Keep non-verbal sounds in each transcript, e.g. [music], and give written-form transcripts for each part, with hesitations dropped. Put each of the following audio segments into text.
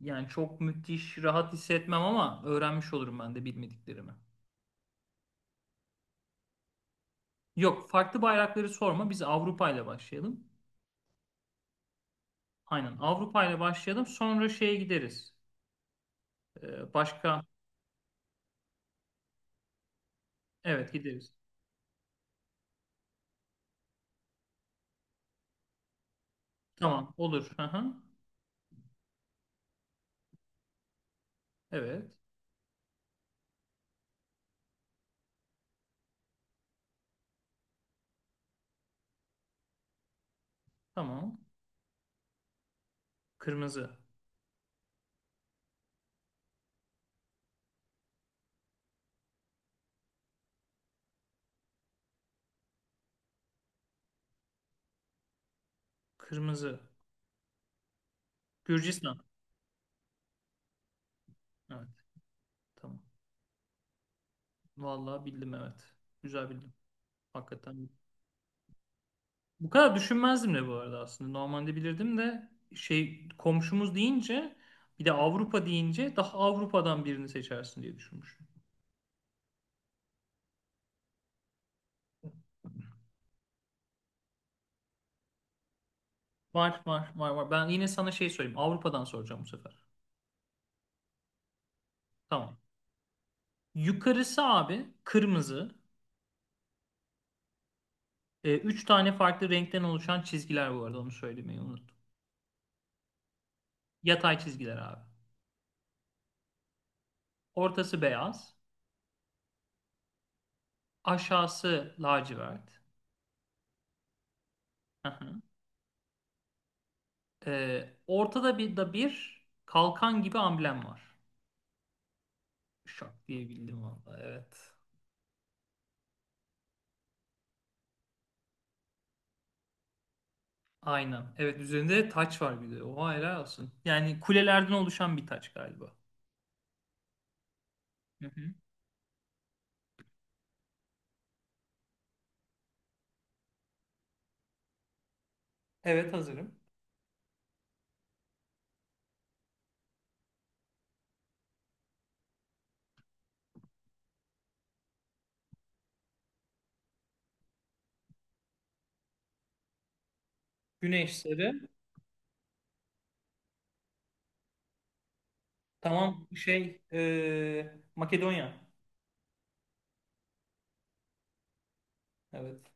Yani çok müthiş, rahat hissetmem ama öğrenmiş olurum ben de bilmediklerimi. Yok, farklı bayrakları sorma. Biz Avrupa ile başlayalım. Aynen, Avrupa ile başlayalım. Sonra şeye gideriz. Ee, başka, evet gideriz. Tamam, olur. Hı hı. Evet, tamam. Kırmızı, kırmızı. Gürcistan. Evet, tamam. Vallahi bildim, evet. Güzel bildim. Hakikaten. Bu kadar düşünmezdim de bu arada aslında. Normalde bilirdim de şey, komşumuz deyince bir de Avrupa deyince daha Avrupa'dan birini seçersin diye düşünmüşüm. Var var var var. Ben yine sana şey sorayım. Avrupa'dan soracağım bu sefer. Tamam. Yukarısı abi kırmızı. Üç tane farklı renkten oluşan çizgiler, bu arada onu söylemeyi unuttum. Yatay çizgiler abi. Ortası beyaz. Aşağısı lacivert. Hı hı. Ortada bir da bir kalkan gibi amblem var. Şak diye bildim valla, evet. Aynen. Evet, üzerinde taç var bir de. Oha, helal olsun. Yani kulelerden oluşan bir taç galiba. Hı hı. Evet, hazırım. Güneş sarı. Tamam şey, Makedonya. Evet,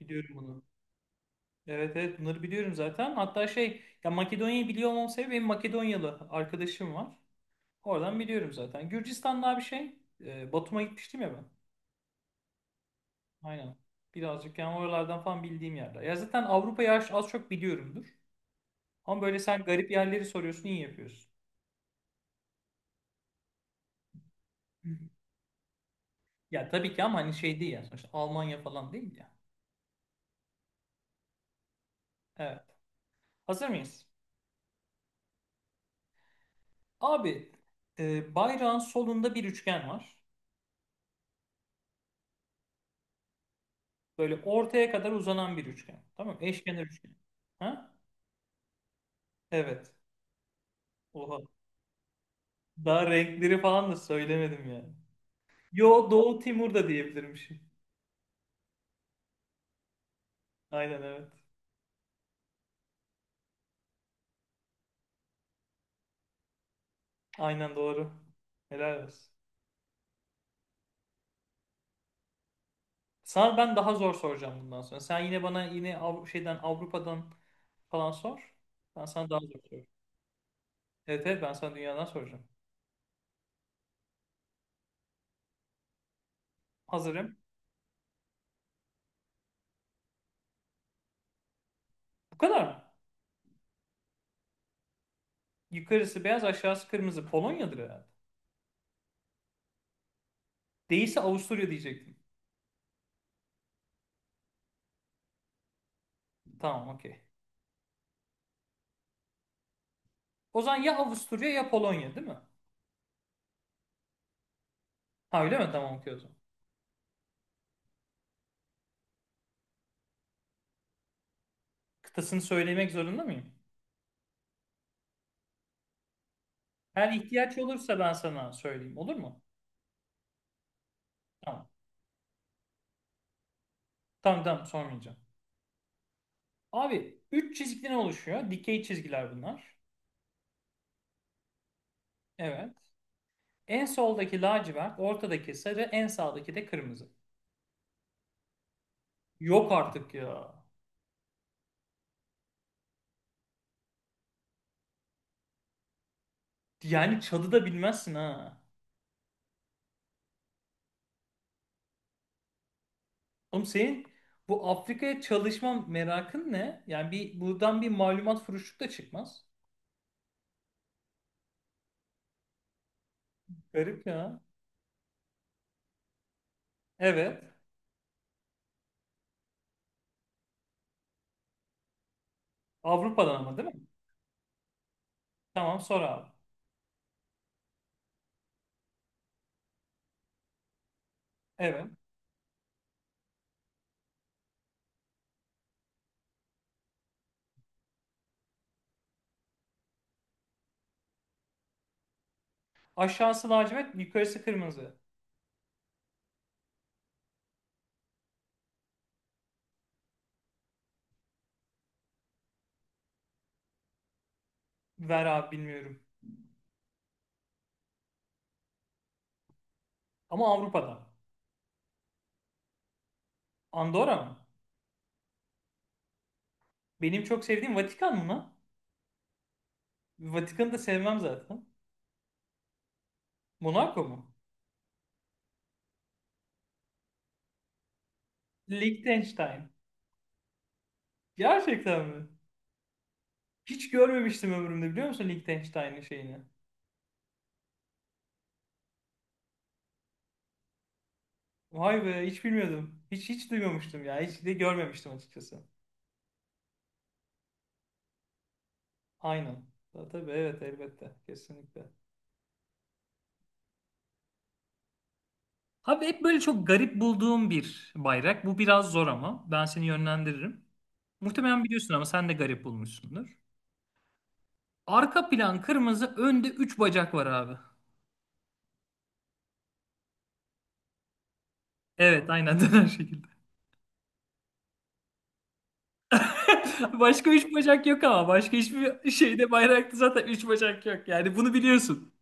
biliyorum bunu. Evet evet, bunları biliyorum zaten. Hatta şey ya, Makedonya'yı biliyor olmam sebebi benim Makedonyalı arkadaşım var. Oradan biliyorum zaten. Gürcistan daha bir şey. Batum'a gitmiştim ya ben. Aynen. Birazcık yani oralardan falan bildiğim yerler. Ya zaten Avrupa'yı az az çok biliyorumdur. Ama böyle sen garip yerleri soruyorsun, iyi yapıyorsun. Hı. Ya tabii ki, ama hani şey değil ya, sonuçta Almanya falan değil ya. Evet. Hazır mıyız? Abi, bayrağın solunda bir üçgen var. Böyle ortaya kadar uzanan bir üçgen. Tamam mı? Eşkenar üçgen. Ha? Evet. Oha. Daha renkleri falan da söylemedim yani. Yo, Doğu Timur da diyebilirmişim. Aynen, evet. Aynen doğru. Helal olsun. Sana ben daha zor soracağım bundan sonra. Sen yine bana yine şeyden, Avrupa'dan falan sor. Ben sana daha zor soracağım. Evet evet, ben sana dünyadan soracağım. Hazırım. Bu kadar mı? Yukarısı beyaz, aşağısı kırmızı. Polonya'dır herhalde. Değilse Avusturya diyecektim. Tamam, okey. O zaman ya Avusturya ya Polonya, değil mi? Ha, öyle mi? Tamam, okey o zaman. Kıtasını söylemek zorunda mıyım? Eğer ihtiyaç olursa ben sana söyleyeyim, olur mu? Tamam. Tamam tamam, sormayacağım. Abi 3 çizgiden oluşuyor. Dikey çizgiler bunlar. Evet. En soldaki lacivert, ortadaki sarı, en sağdaki de kırmızı. Yok artık ya. Yani çalı da bilmezsin ha. Oğlum senin bu Afrika'ya çalışma merakın ne? Yani bir buradan bir malumat furuşluk da çıkmaz. Garip ya. Evet. Avrupa'dan ama değil mi? Tamam sor abi. Evet. Aşağısı lacivert, yukarısı kırmızı. Ver abi, bilmiyorum. Ama Avrupa'dan. Andorra mı? Benim çok sevdiğim Vatikan mı? Vatikan'ı da sevmem zaten. Monaco mu? Liechtenstein. Gerçekten mi? Hiç görmemiştim ömrümde, biliyor musun, Liechtenstein'in şeyini? Vay be, hiç bilmiyordum. Hiç hiç duymamıştım ya. Hiç de görmemiştim açıkçası. Aynen. Tabii evet, elbette. Kesinlikle. Abi hep böyle çok garip bulduğum bir bayrak. Bu biraz zor ama ben seni yönlendiririm. Muhtemelen biliyorsun ama sen de garip bulmuşsundur. Arka plan kırmızı, önde 3 bacak var abi. Evet, aynen [laughs] döner şekilde. [laughs] Başka 3 bacak yok ama başka hiçbir şeyde bayrakta zaten 3 bacak yok. Yani bunu biliyorsun.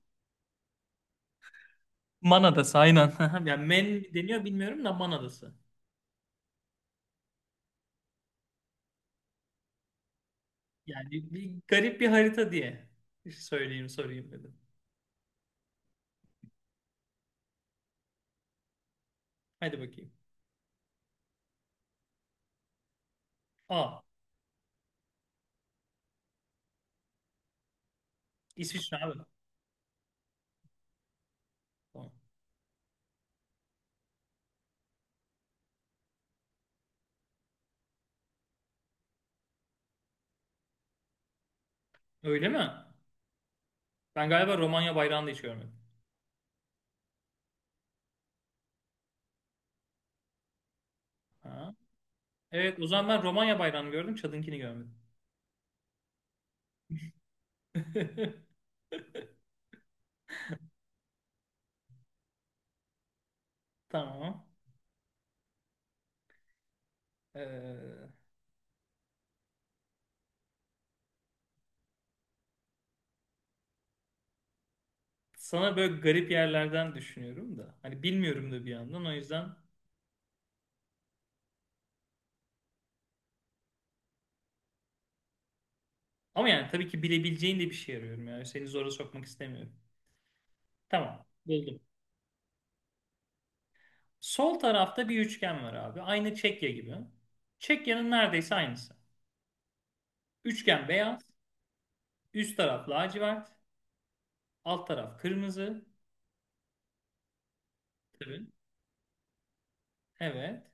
Man Adası aynen. [laughs] Yani men deniyor bilmiyorum da, Man Adası. Yani bir garip bir harita diye söyleyeyim sorayım dedim. Hadi bakayım. Aa, İsviçre abi. Tamam. Öyle mi? Ben galiba Romanya bayrağını da hiç görmedim. Ha. Evet, o zaman ben Romanya bayrağını gördüm, Çad'ınkini görmedim. [laughs] Tamam. Ee, Sana böyle garip yerlerden düşünüyorum da. Hani bilmiyorum da bir yandan, o yüzden. Ama yani tabii ki bilebileceğin de bir şey arıyorum yani. Seni zora sokmak istemiyorum. Tamam. Buldum. Sol tarafta bir üçgen var abi. Aynı Çekya gibi. Çekya'nın neredeyse aynısı. Üçgen beyaz. Üst taraf lacivert. Alt taraf kırmızı. Tabii. Evet.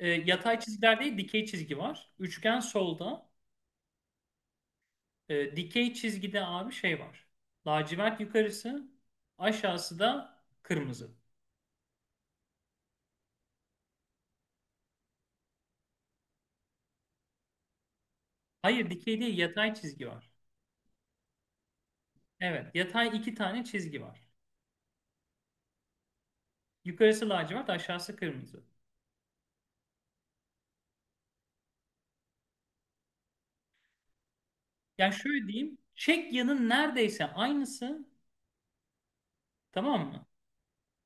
Yatay çizgiler değil, dikey çizgi var. Üçgen solda. Dikey çizgide abi şey var. Lacivert yukarısı. Aşağısı da kırmızı. Hayır, dikey değil, yatay çizgi var. Evet, yatay iki tane çizgi var. Yukarısı lacivert, aşağısı kırmızı. Yani şöyle diyeyim. Çekya'nın neredeyse aynısı. Tamam mı?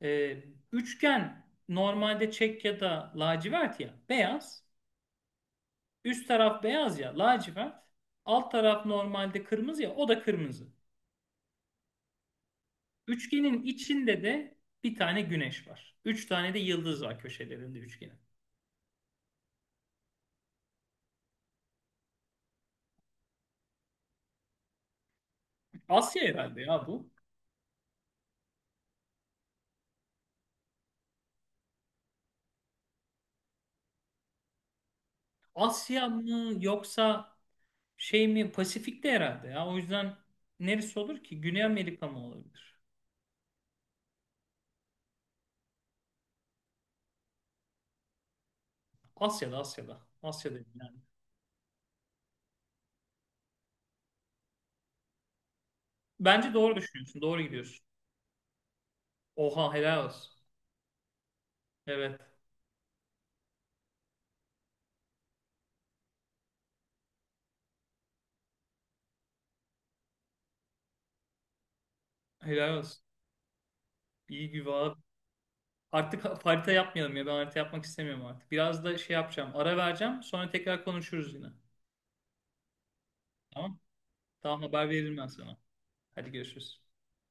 Ee, Üçgen normalde çek ya da lacivert ya beyaz. Üst taraf beyaz ya lacivert. Alt taraf normalde kırmızı ya, o da kırmızı. Üçgenin içinde de bir tane güneş var. Üç tane de yıldız var köşelerinde üçgenin. Asya herhalde ya bu. Asya mı yoksa şey mi, Pasifik'te herhalde ya. O yüzden neresi olur ki? Güney Amerika mı olabilir? Asya'da Asya'da. Asya'da yani. Bence doğru düşünüyorsun. Doğru gidiyorsun. Oha helal olsun. Evet. Helal olsun. İyi gibi abi. Artık harita yapmayalım ya. Ben harita yapmak istemiyorum artık. Biraz da şey yapacağım. Ara vereceğim. Sonra tekrar konuşuruz yine. Tamam. Tamam, haber veririm ben sana. Hadi görüşürüz.